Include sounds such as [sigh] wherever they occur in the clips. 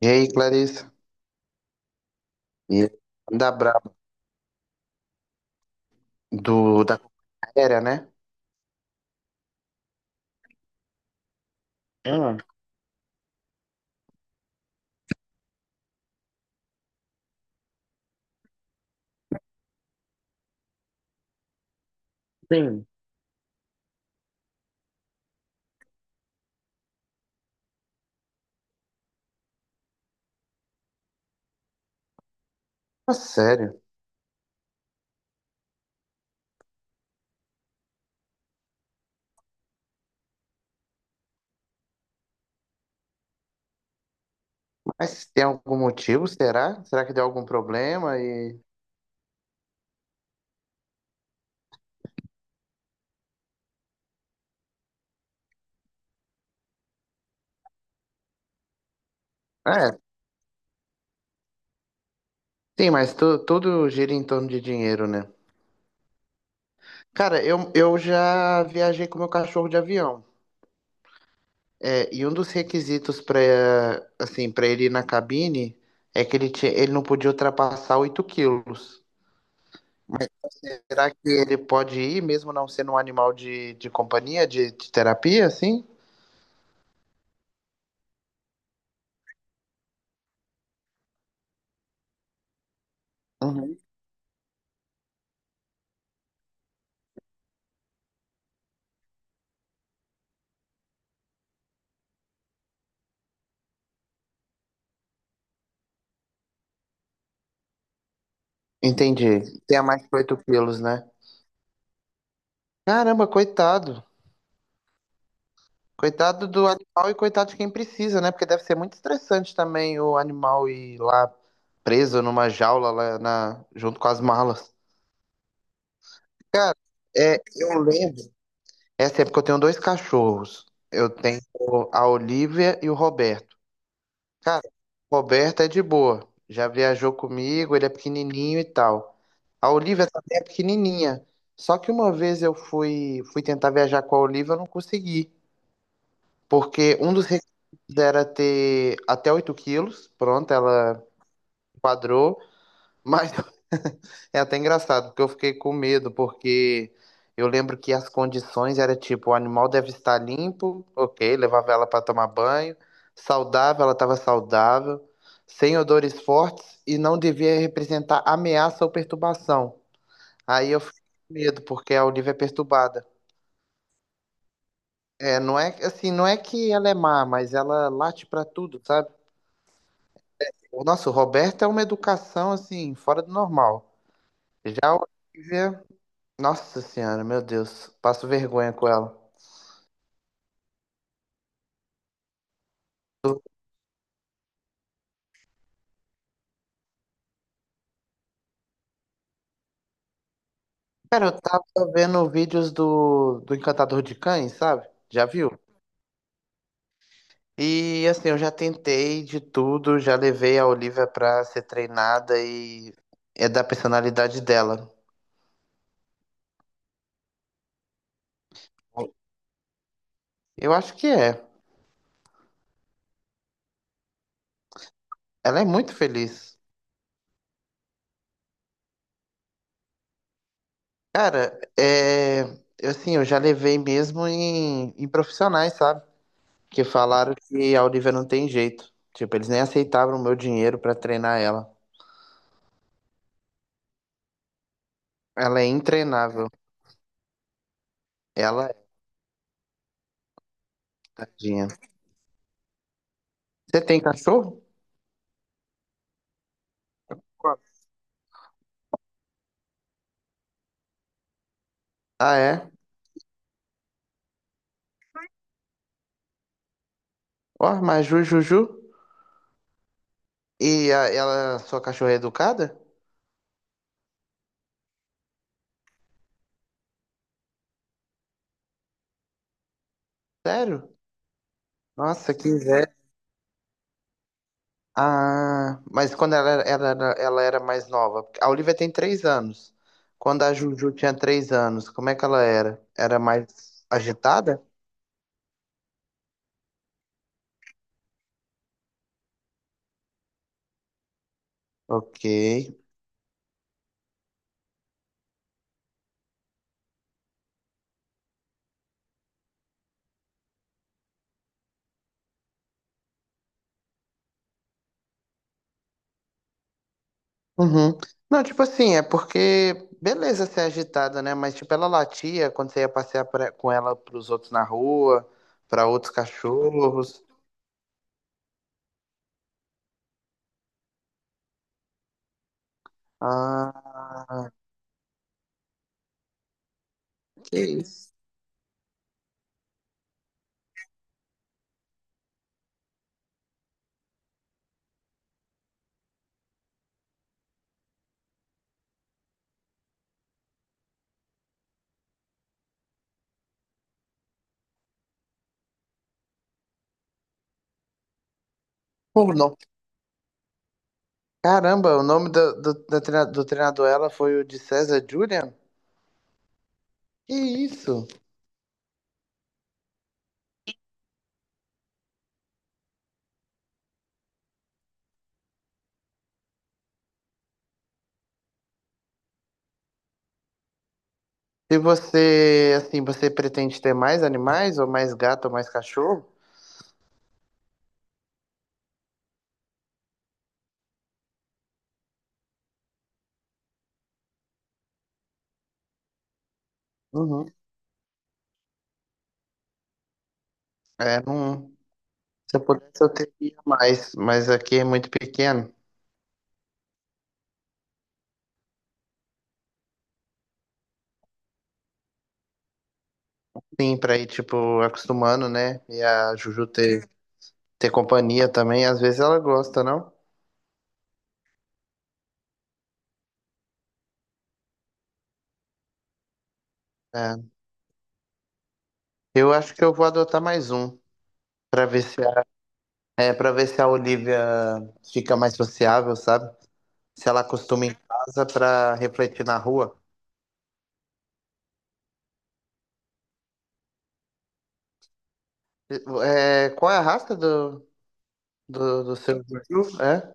E aí, Clarissa? E da Braba, da companhia aérea, né? Ah, sim. Ah, sério. Mas tem algum motivo, será? Será que deu algum problema? É, sim, mas tudo gira em torno de dinheiro, né? Cara, eu já viajei com meu cachorro de avião. É, e um dos requisitos para ele ir na cabine é que ele não podia ultrapassar 8 quilos. Será que ele pode ir, mesmo não sendo um animal de companhia, de terapia, assim? Uhum. Entendi. Tem a mais que oito quilos, né? Caramba, coitado. Coitado do animal e coitado de quem precisa, né? Porque deve ser muito estressante também o animal ir lá preso numa jaula junto com as malas. Cara, é, eu lembro. Essa época eu tenho dois cachorros. Eu tenho a Olivia e o Roberto. Cara, o Roberto é de boa. Já viajou comigo, ele é pequenininho e tal. A Olivia essa até é pequenininha. Só que uma vez eu fui tentar viajar com a Olivia, eu não consegui. Porque um dos requisitos era ter até 8 quilos. Pronto, ela quadrou. Mas [laughs] é até engraçado, porque eu fiquei com medo, porque eu lembro que as condições era tipo, o animal deve estar limpo, ok, levava ela para tomar banho, saudável, ela estava saudável, sem odores fortes e não devia representar ameaça ou perturbação. Aí eu fico com medo, porque a Olivia é perturbada. É, não é assim, não é que ela é má, mas ela late pra tudo, sabe? Nossa, o nosso Roberto é uma educação assim, fora do normal. Já a Olivia, nossa senhora, meu Deus, passo vergonha com ela. Cara, eu tava vendo vídeos do Encantador de Cães, sabe? Já viu? E assim, eu já tentei de tudo, já levei a Olivia pra ser treinada e é da personalidade dela. Eu acho que é. Ela é muito feliz. Cara, é, assim, eu já levei mesmo em profissionais, sabe? Que falaram que a Olivia não tem jeito. Tipo, eles nem aceitavam o meu dinheiro pra treinar ela. Ela é intreinável. Ela é tadinha. Você tem cachorro? Qual? Ah, é? Ó, mas Jujuju? E sua cachorra é educada? Sério? Nossa, que Ah, mas quando ela era mais nova. A Olivia tem 3 anos. Quando a Juju tinha 3 anos, como é que ela era? Era mais agitada? Ok. Uhum. Não, tipo assim, é porque, beleza ser agitada, né? Mas, tipo, ela latia quando você ia passear com ela pros outros na rua, pra outros cachorros. Ah, que isso. Pô, não. Caramba, o nome do treinador dela foi o de César Julian? Que isso? Se você pretende ter mais animais, ou mais gato, ou mais cachorro? Uhum. É, não. Se eu pudesse, eu teria mais, mas aqui é muito pequeno. Sim, pra ir, tipo, acostumando, né? E a Juju ter companhia também, às vezes ela gosta, não? É. Eu acho que eu vou adotar mais um, pra ver se a, é, para ver se a Olivia fica mais sociável, sabe? Se ela acostuma em casa pra refletir na rua. É, qual é a raça do seu? Juju? É?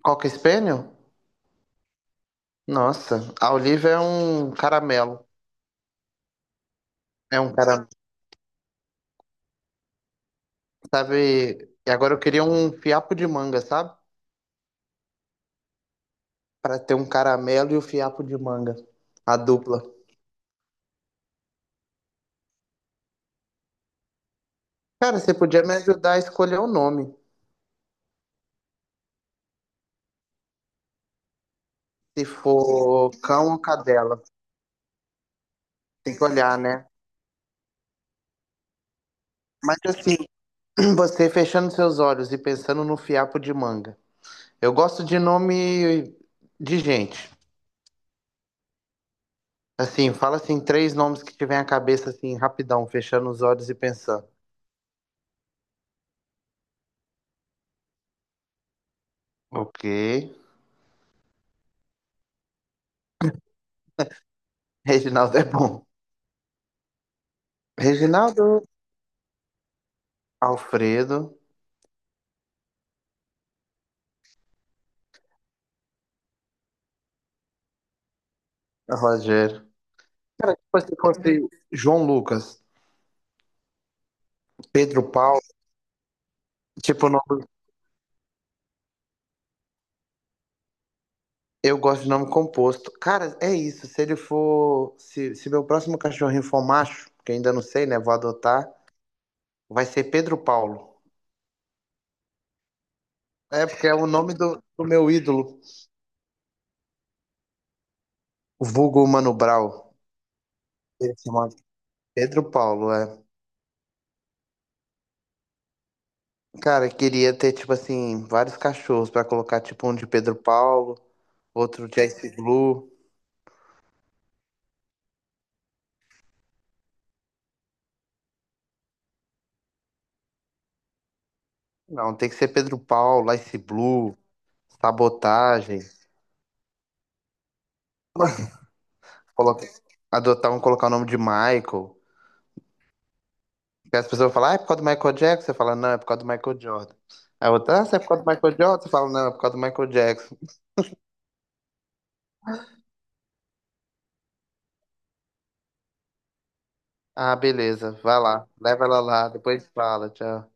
Coca Spaniel? Nossa, a Oliva é um caramelo. É um caramelo, sabe? E agora eu queria um fiapo de manga, sabe? Pra ter um caramelo e o fiapo de manga. A dupla. Cara, você podia me ajudar a escolher o nome. Se for cão ou cadela. Tem que olhar, né? Mas assim, [clears throat] você fechando seus olhos e pensando no fiapo de manga. Eu gosto de nome de gente. Assim, fala assim, três nomes que tiver a cabeça assim, rapidão, fechando os olhos e pensando. Ok. Reginaldo é bom. Reginaldo, Alfredo, Rogério. Cara, tipo, se fosse João Lucas, Pedro Paulo, tipo, eu gosto de nome composto. Cara, é isso. Se ele for. Se meu próximo cachorrinho for macho, que ainda não sei, né? Vou adotar, vai ser Pedro Paulo. É, porque é o nome do meu ídolo, o vulgo Mano Brown. Ele se chama Pedro Paulo, é. Cara, eu queria ter, tipo assim, vários cachorros pra colocar, tipo, um de Pedro Paulo. Outro de Ice Blue. Não, tem que ser Pedro Paulo, Ice Blue, Sabotagem. [laughs] Coloca- Adotar um, colocar o nome de Michael. Porque as pessoas falam, ah, é por causa do Michael Jackson? Você fala, não, é por causa do Michael Jordan. Aí outra, ah, você é por causa do Michael Jordan? Você fala, não, é por causa do Michael Jackson. Ah, beleza, vai lá, leva ela lá, depois fala, tchau.